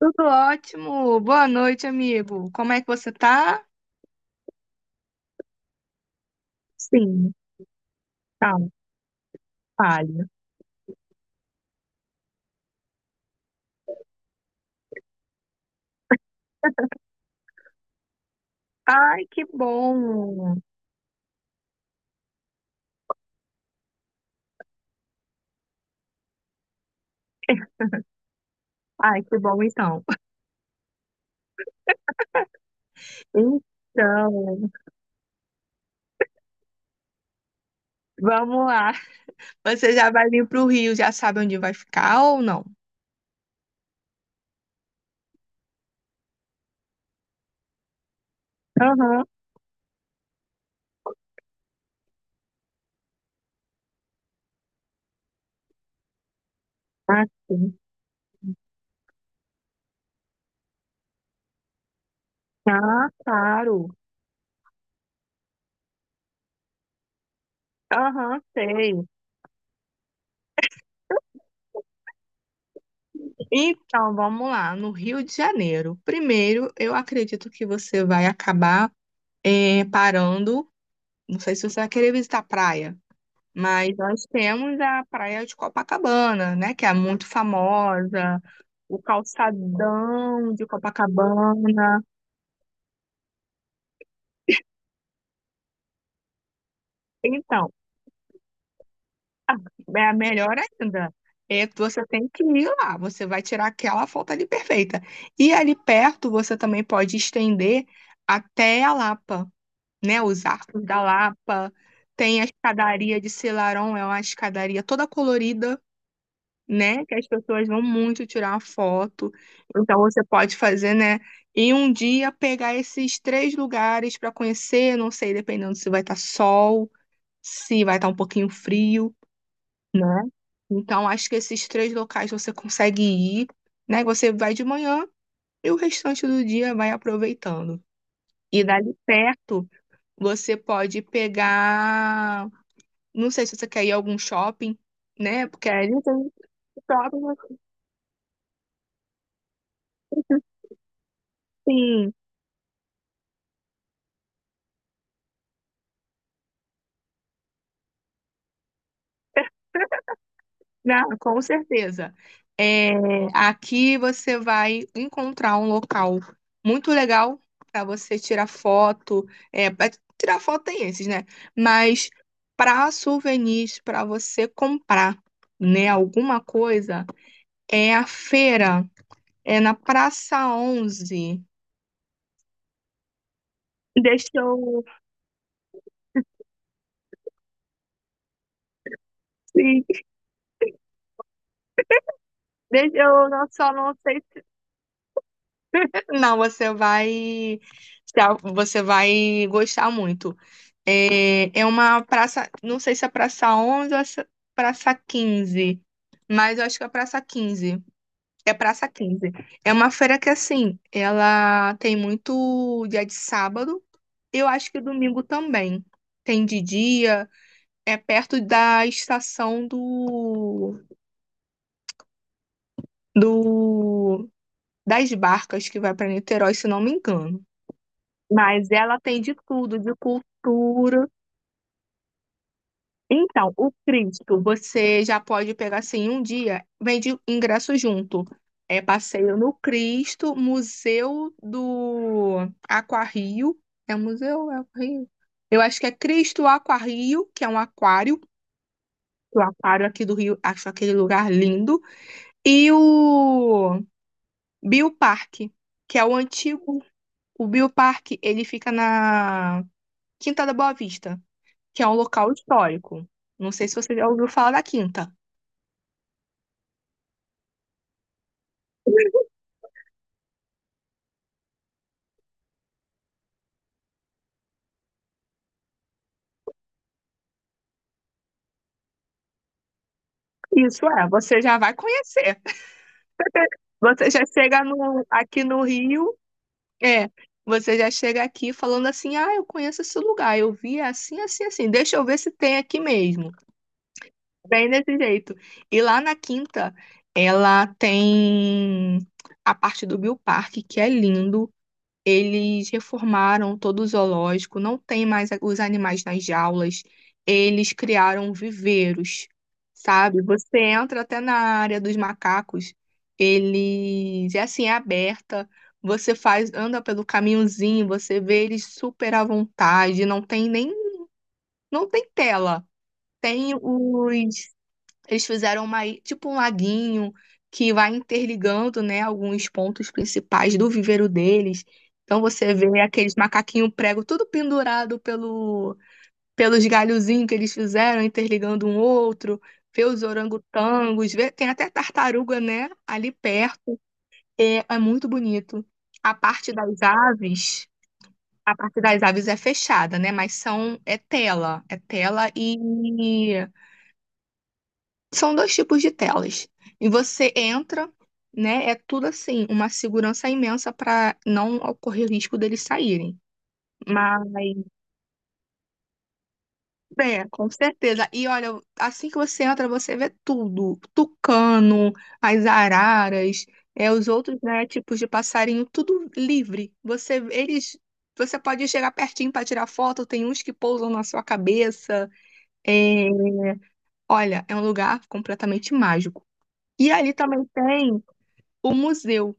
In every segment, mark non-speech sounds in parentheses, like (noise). Tudo ótimo. Boa noite, amigo. Como é que você tá? Sim, calma, fale. Ai, que bom! Ai, que bom, então. Então, vamos lá. Você já vai vir pro Rio, já sabe onde vai ficar ou não? Aham, ah, sim. Ah, claro. Aham, sei. Então, vamos lá, no Rio de Janeiro. Primeiro, eu acredito que você vai acabar parando. Não sei se você vai querer visitar a praia. Mas nós temos a Praia de Copacabana, né, que é muito famosa, o calçadão de Copacabana. Então, (laughs) é a melhor ainda. É, que você tem que ir lá, você vai tirar aquela foto ali perfeita. E ali perto você também pode estender até a Lapa, né? Os arcos da Lapa. Tem a escadaria de Selarón, é uma escadaria toda colorida, né? Que as pessoas vão muito tirar foto. Então você pode fazer, né? E um dia pegar esses três lugares para conhecer, não sei, dependendo se vai estar sol, se vai estar um pouquinho frio, né? Então acho que esses três locais você consegue ir, né? Você vai de manhã e o restante do dia vai aproveitando. E dali perto você pode pegar, não sei se você quer ir a algum shopping, né? Porque ali tem shopping assim. Não, com certeza. É, aqui você vai encontrar um local muito legal para você tirar foto. É, pra tirar foto tem esses, né? Mas para souvenirs, para você comprar, né, alguma coisa, é a feira, é na Praça 11. Deixa eu. Sim, deixa eu não, só não sei. Não, você vai, tá? Você vai gostar muito. É, é uma praça, não sei se é Praça 11 ou é Praça 15, mas eu acho que é Praça 15. É Praça quinze. É uma feira que, assim, ela tem muito dia de sábado, eu acho que domingo também. Tem de dia, é perto da estação do das barcas que vai para Niterói, se não me engano. Mas ela tem de tudo, de cultura. Então, o Cristo, você já pode pegar assim um dia, vende ingresso junto. É passeio no Cristo, Museu do Aquarrio. É um museu? É Aquarrio? Eu acho que é Cristo Aquarrio, que é um aquário. O aquário aqui do Rio, acho aquele lugar lindo. E o Bioparque, que é o antigo. O Bioparque, ele fica na Quinta da Boa Vista, que é um local histórico. Não sei se você já ouviu falar da Quinta. Isso é, você já vai conhecer. Você já chega aqui no Rio, é, você já chega aqui falando assim: ah, eu conheço esse lugar, eu vi assim, assim, assim, deixa eu ver se tem aqui mesmo. Bem desse jeito. E lá na Quinta, ela tem a parte do Bill Park, que é lindo. Eles reformaram todo o zoológico, não tem mais os animais nas jaulas. Eles criaram viveiros, sabe? Você entra até na área dos macacos, eles é assim, é aberta. Você faz, anda pelo caminhozinho, você vê eles super à vontade, não tem nem, não tem tela. Tem os Eles fizeram uma, tipo um laguinho que vai interligando, né, alguns pontos principais do viveiro deles. Então você vê aqueles macaquinhos prego tudo pendurado pelos galhozinhos que eles fizeram, interligando um outro, vê os orangotangos, vê, tem até tartaruga, né, ali perto. É, é muito bonito. A parte das aves, a parte das aves é fechada, né, mas são é tela e são dois tipos de telas. E você entra, né? É tudo assim, uma segurança imensa para não ocorrer o risco deles saírem. Mas, com certeza. E olha, assim que você entra, você vê tudo: tucano, as araras, os outros, né, tipos de passarinho, tudo livre. Você pode chegar pertinho para tirar foto, tem uns que pousam na sua cabeça. É, olha, é um lugar completamente mágico. E ali também tem o museu,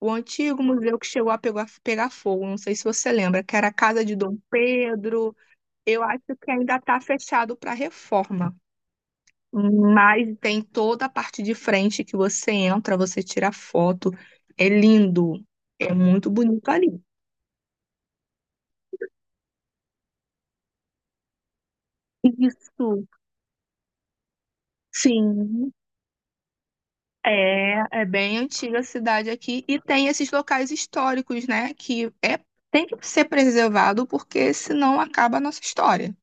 o antigo museu que chegou a pegar fogo, não sei se você lembra, que era a casa de Dom Pedro. Eu acho que ainda está fechado para reforma, mas tem toda a parte de frente que você entra, você tira foto. É lindo, é muito bonito ali. Isso, sim. É bem antiga a cidade aqui e tem esses locais históricos, né, tem que ser preservado porque senão acaba a nossa história.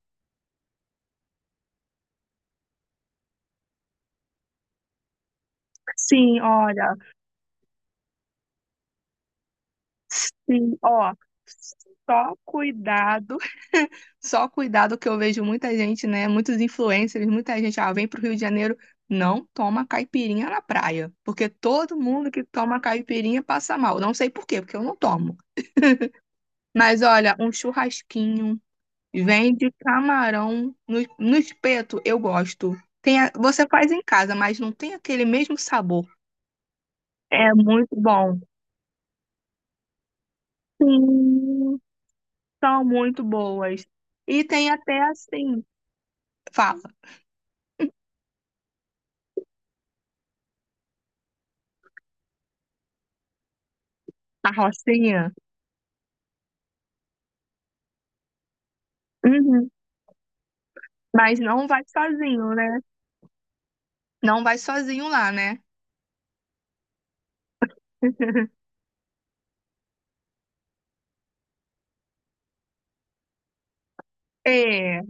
Sim, olha. Sim, ó, só cuidado, (laughs) só cuidado que eu vejo muita gente, né? Muitos influencers, muita gente, ah, vem pro Rio de Janeiro, não toma caipirinha na praia, porque todo mundo que toma caipirinha passa mal. Não sei por quê, porque eu não tomo. Mas olha, um churrasquinho, vende camarão no espeto, eu gosto. Você faz em casa, mas não tem aquele mesmo sabor. É muito bom. Sim. São muito boas. E tem até assim, fala, a Rocinha. Uhum. Mas não vai sozinho, né? Não vai sozinho lá, né? (laughs) É,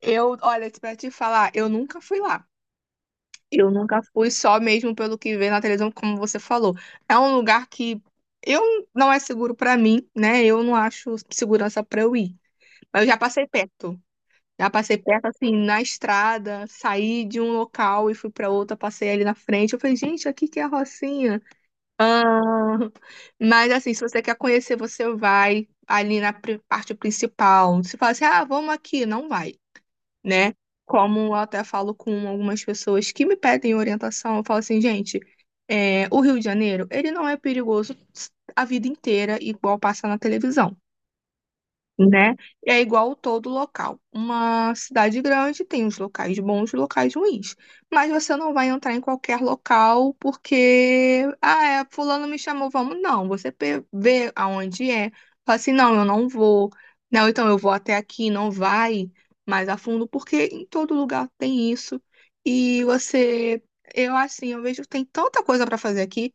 Olha, pra te falar, eu nunca fui lá. Eu nunca fui só mesmo pelo que vê na televisão, como você falou. É um lugar que eu não é seguro pra mim, né? Eu não acho segurança pra eu ir. Mas eu já passei perto. Já passei perto, assim, na estrada, saí de um local e fui para outro, passei ali na frente. Eu falei, gente, aqui que é a Rocinha. Ah, mas, assim, se você quer conhecer, você vai ali na parte principal. Se fala assim, ah, vamos aqui, não vai, né? Como eu até falo com algumas pessoas que me pedem orientação, eu falo assim, gente, o Rio de Janeiro, ele não é perigoso a vida inteira, igual passa na televisão, né? É igual todo local. Uma cidade grande tem os locais bons e locais ruins. Mas você não vai entrar em qualquer local porque, ah, fulano me chamou, vamos. Não, você vê aonde é. Fala assim, não, eu não vou. Não, então eu vou até aqui, não vai mais a fundo, porque em todo lugar tem isso. E você, eu assim, eu vejo que tem tanta coisa para fazer aqui,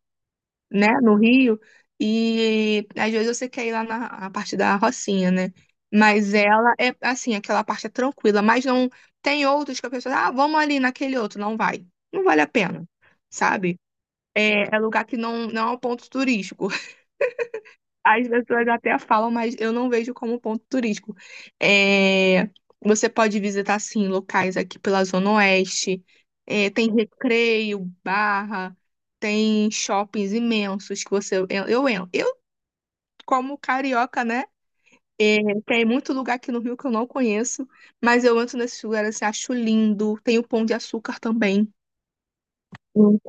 né, no Rio, e às vezes você quer ir lá na a parte da Rocinha, né? Mas ela é assim, aquela parte é tranquila, mas não tem outros que a pessoa, ah, vamos ali naquele outro, não vai. Não vale a pena, sabe? É lugar que não é um ponto turístico. As pessoas até falam, mas eu não vejo como ponto turístico. É, você pode visitar, sim, locais aqui pela Zona Oeste. É, tem recreio, barra, tem shoppings imensos que você... Eu como carioca, né? É, tem muito lugar aqui no Rio que eu não conheço, mas eu entro nesses lugares assim, acho lindo. Tem o Pão de Açúcar também. Hum.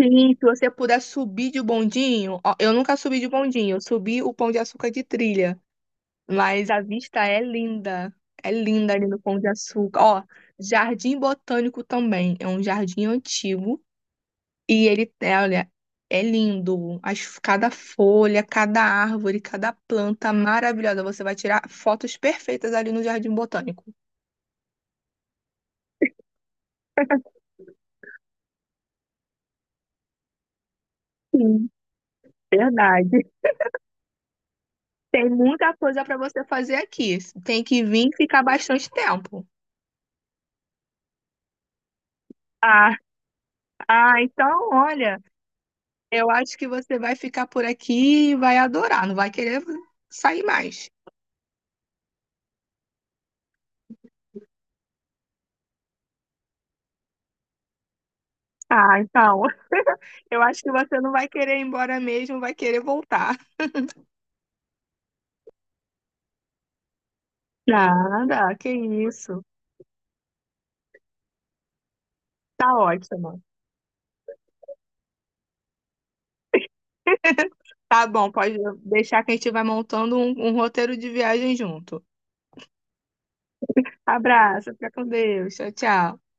Sim, se você puder subir de bondinho, ó, eu nunca subi de bondinho, eu subi o Pão de Açúcar de trilha. Mas a vista é linda. É linda ali no Pão de Açúcar. Ó, Jardim Botânico também. É um jardim antigo. E ele, olha, é lindo. Cada folha, cada árvore, cada planta maravilhosa. Você vai tirar fotos perfeitas ali no Jardim Botânico. (laughs) Sim, verdade. Tem muita coisa para você fazer aqui. Tem que vir e ficar bastante tempo. Ah, ah, então, olha. Eu acho que você vai ficar por aqui e vai adorar, não vai querer sair mais. Ah, então. (laughs) Eu acho que você não vai querer ir embora mesmo, vai querer voltar. Nada, que isso. Tá ótimo. Tá bom, pode deixar que a gente vai montando um roteiro de viagem junto. Abraço, fica com Deus. Tchau, tchau.